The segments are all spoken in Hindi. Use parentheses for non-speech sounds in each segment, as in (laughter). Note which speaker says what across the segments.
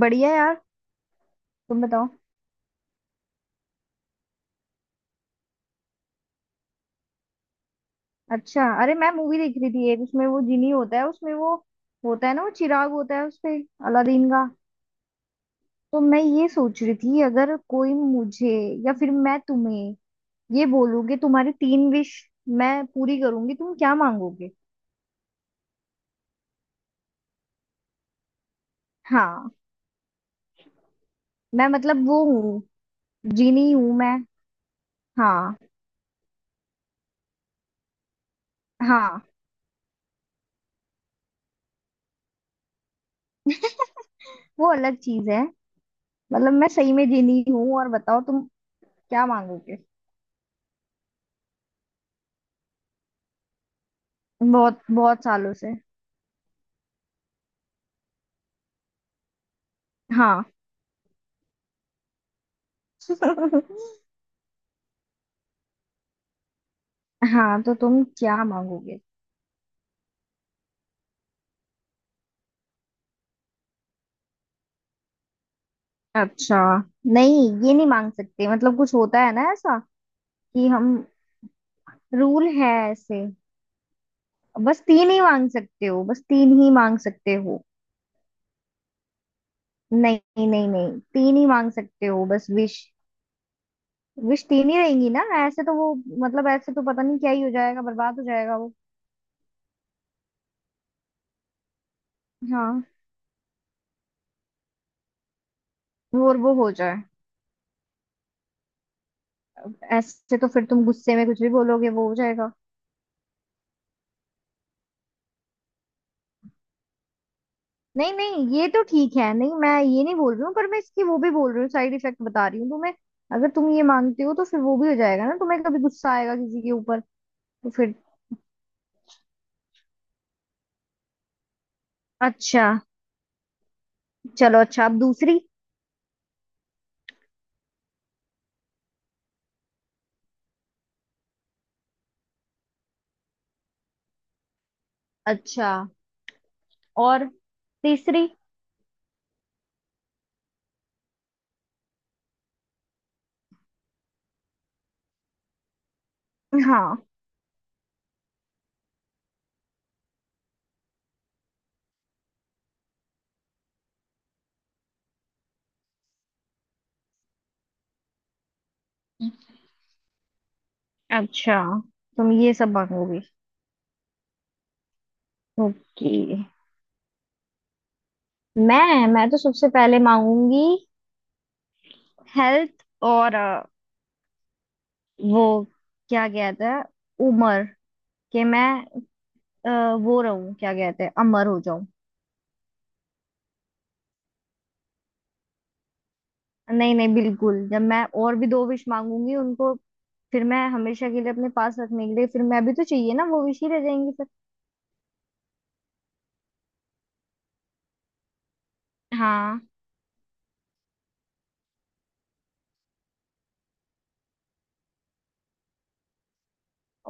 Speaker 1: बढ़िया यार। तुम बताओ। अच्छा, अरे मैं मूवी देख रही थी, एक उसमें वो जिनी होता है, उसमें वो होता है ना, वो चिराग होता है उसपे, अलादीन का। तो मैं ये सोच रही थी, अगर कोई मुझे या फिर मैं तुम्हें ये बोलूंगी तुम्हारी तीन विश मैं पूरी करूंगी, तुम क्या मांगोगे? हाँ। मैं मतलब वो हूँ, जिनी हूँ मैं। हाँ हाँ। वो अलग चीज है। मतलब मैं सही में जिनी हूँ, और बताओ तुम क्या मांगोगे? बहुत बहुत सालों से। हाँ। (laughs) हाँ तो तुम क्या मांगोगे? अच्छा। नहीं, ये नहीं मांग सकते, मतलब कुछ होता है ना ऐसा, कि हम। रूल है ऐसे। बस तीन ही मांग सकते हो, बस तीन ही मांग सकते हो। नहीं नहीं। नहीं, तीन ही मांग सकते हो बस, विश विश तीन ही रहेंगी ना, ऐसे तो वो। मतलब ऐसे तो पता नहीं क्या ही हो जाएगा, बर्बाद हो जाएगा वो। हाँ। वो, और वो हो जाए। ऐसे तो फिर तुम गुस्से में कुछ भी बोलोगे, वो हो जाएगा। नहीं नहीं, ये तो ठीक है, नहीं मैं ये नहीं बोल रही हूँ, पर मैं इसकी वो भी बोल रही हूँ, साइड इफेक्ट बता रही हूँ तुम्हें। अगर तुम ये मांगते हो तो फिर वो भी हो जाएगा ना, तुम्हें कभी गुस्सा आएगा किसी के ऊपर, तो फिर। अच्छा चलो। अच्छा, अब दूसरी। अच्छा, और तीसरी। हाँ। अच्छा, तुम ये सब मांगोगी। ओके। मैं तो सबसे पहले मांगूंगी हेल्थ और वो क्या कहते हैं, उम्र, कि मैं अ, वो रहूं, क्या कहते हैं, अमर हो। नहीं नहीं, बिल्कुल, जब मैं और भी दो विश मांगूंगी उनको, फिर मैं हमेशा के लिए अपने पास रखने के लिए, फिर मैं भी तो चाहिए ना वो विश ही रह जाएंगी फिर। हाँ।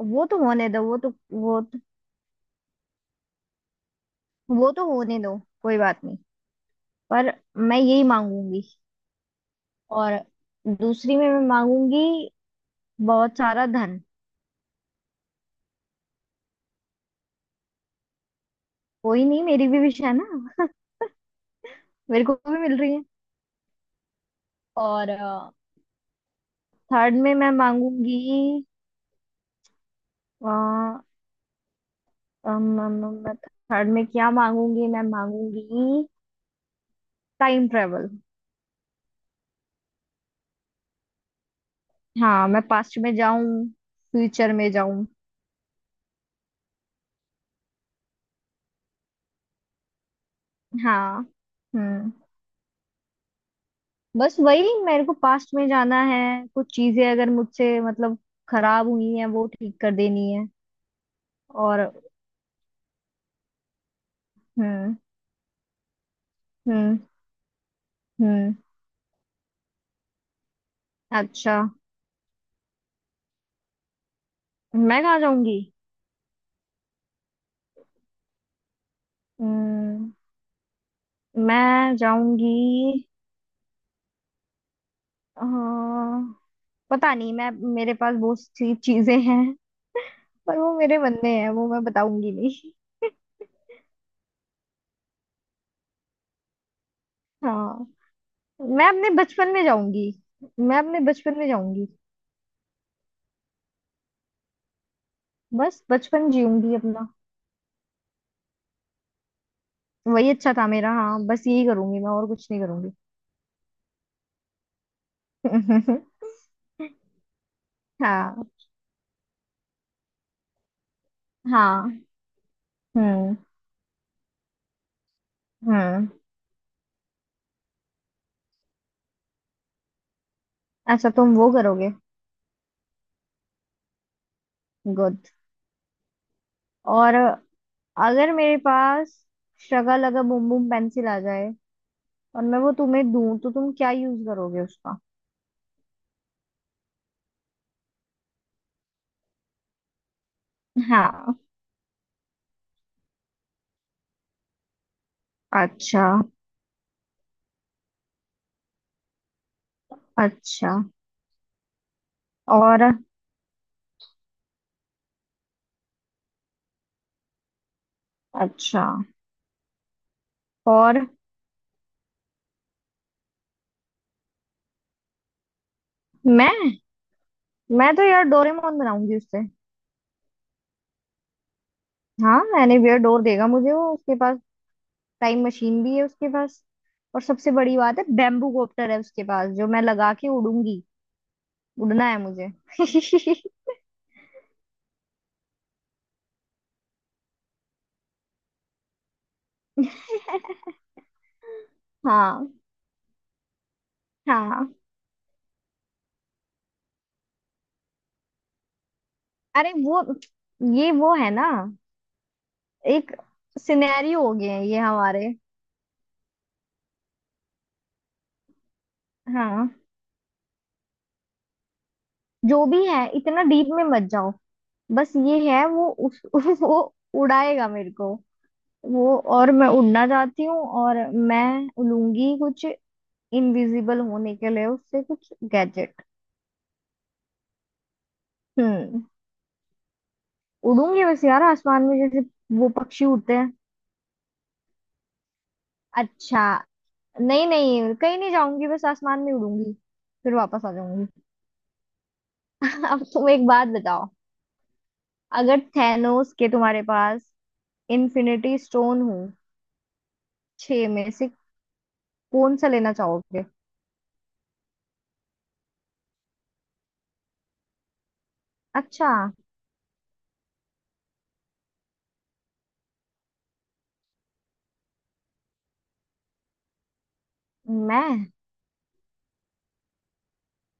Speaker 1: वो तो होने दो, वो तो, वो तो होने दो, कोई बात नहीं। पर मैं यही मांगूंगी। और दूसरी में मैं मांगूंगी बहुत सारा धन। कोई नहीं, मेरी भी विश है ना। (laughs) मेरे को भी मिल रही है। और थर्ड में मैं मांगूंगी अ, अम, अम, अम, थर्ड में क्या मांगूंगी? मैं मांगूंगी टाइम ट्रेवल। हाँ, मैं पास्ट में जाऊं, फ्यूचर में जाऊं। हाँ। हम्म बस वही, मेरे को पास्ट में जाना है, कुछ चीजें अगर मुझसे मतलब खराब हुई हैं वो ठीक कर देनी है। और हम्म हम्म हम्म अच्छा, मैं कहाँ जाऊंगी? हम्म मैं जाऊंगी अ, पता नहीं। मैं, मेरे पास बहुत सी चीजें हैं, पर वो मेरे मन में है, वो मैं बताऊंगी नहीं। हाँ, मैं अपने बचपन में जाऊंगी। मैं अपने बचपन में जाऊंगी। बस बचपन जीऊंगी अपना। वही अच्छा था मेरा, हाँ बस यही करूंगी, मैं और कुछ नहीं करूंगी। (laughs) हाँ। हाँ। हम्म। हम्म। अच्छा, तुम वो करोगे। गुड। और अगर मेरे पास शगा लगा बुम बुम पेंसिल आ जाए और मैं वो तुम्हें दूं, तो तुम क्या यूज करोगे उसका? हाँ। अच्छा। अच्छा। और। अच्छा। और मैं मैं तो यार डोरेमोन बनाऊंगी उससे। हाँ, एनीवेयर डोर देगा मुझे वो, उसके पास टाइम मशीन भी है उसके पास। और सबसे बड़ी बात है, बैम्बू कॉप्टर है उसके पास, जो मैं लगा के उड़ूंगी। उड़ना है मुझे। (laughs) हाँ। हाँ। अरे वो, ये वो है ना, एक सिनेरियो हो गए हैं ये हमारे। हाँ, जो भी है, इतना डीप में मत जाओ, बस ये है वो उस (laughs) वो उड़ाएगा मेरे को, वो, और मैं उड़ना चाहती हूँ। और मैं उड़ूंगी, कुछ इनविजिबल होने के लिए उससे कुछ गैजेट। हम्म। उड़ूंगी बस यार आसमान में, जैसे वो पक्षी उड़ते हैं। अच्छा। नहीं नहीं, कहीं नहीं जाऊंगी, बस आसमान में उड़ूंगी, फिर वापस आ जाऊंगी। (laughs) अब तुम एक बात बताओ, अगर थैनोस के तुम्हारे पास इन्फिनिटी स्टोन हो छह में से, कौन सा लेना चाहोगे? अच्छा। मैं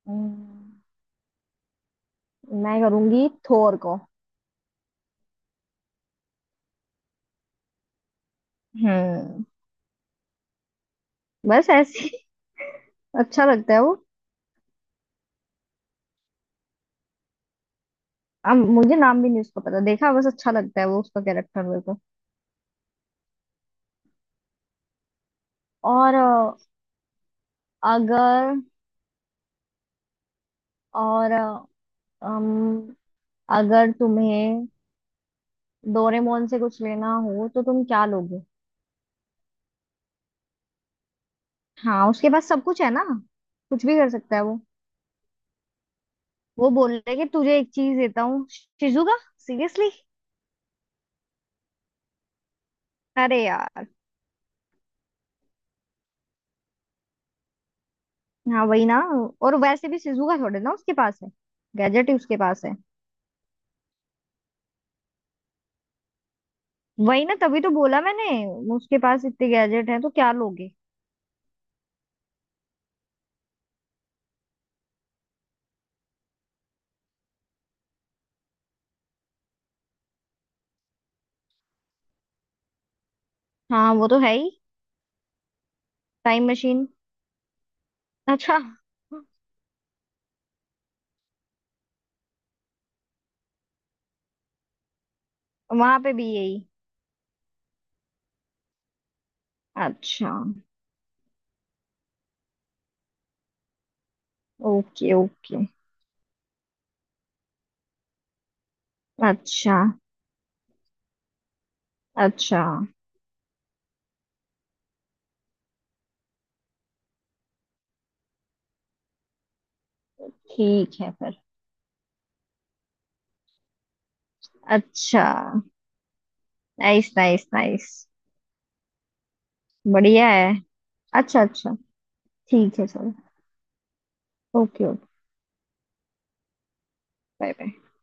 Speaker 1: हम्म, मैं करूंगी थोर को। हम्म बस ऐसे ही। (laughs) अच्छा लगता है वो। अब मुझे नाम भी नहीं उसका पता, देखा बस अच्छा लगता है वो, उसका कैरेक्टर मेरे को। और अगर, और अम, अगर तुम्हें डोरेमोन से कुछ लेना हो, तो तुम क्या लोगे? हाँ, उसके पास सब कुछ है ना, कुछ भी कर सकता है वो। वो बोल रहे कि तुझे एक चीज देता हूँ शिजुका, सीरियसली? अरे यार। हाँ वही ना। और वैसे भी शिजुका थोड़े ना उसके पास है, गैजेट ही उसके पास है। वही ना, तभी तो बोला मैंने, उसके पास इतने गैजेट हैं तो क्या लोगे? हाँ वो तो है ही। Time machine. अच्छा। वहां पे भी यही। अच्छा। Okay okay. अच्छा अच्छा। ठीक है फिर। अच्छा। Nice nice nice. बढ़िया है। अच्छा अच्छा। ठीक है चलो। Okay okay. Bye bye.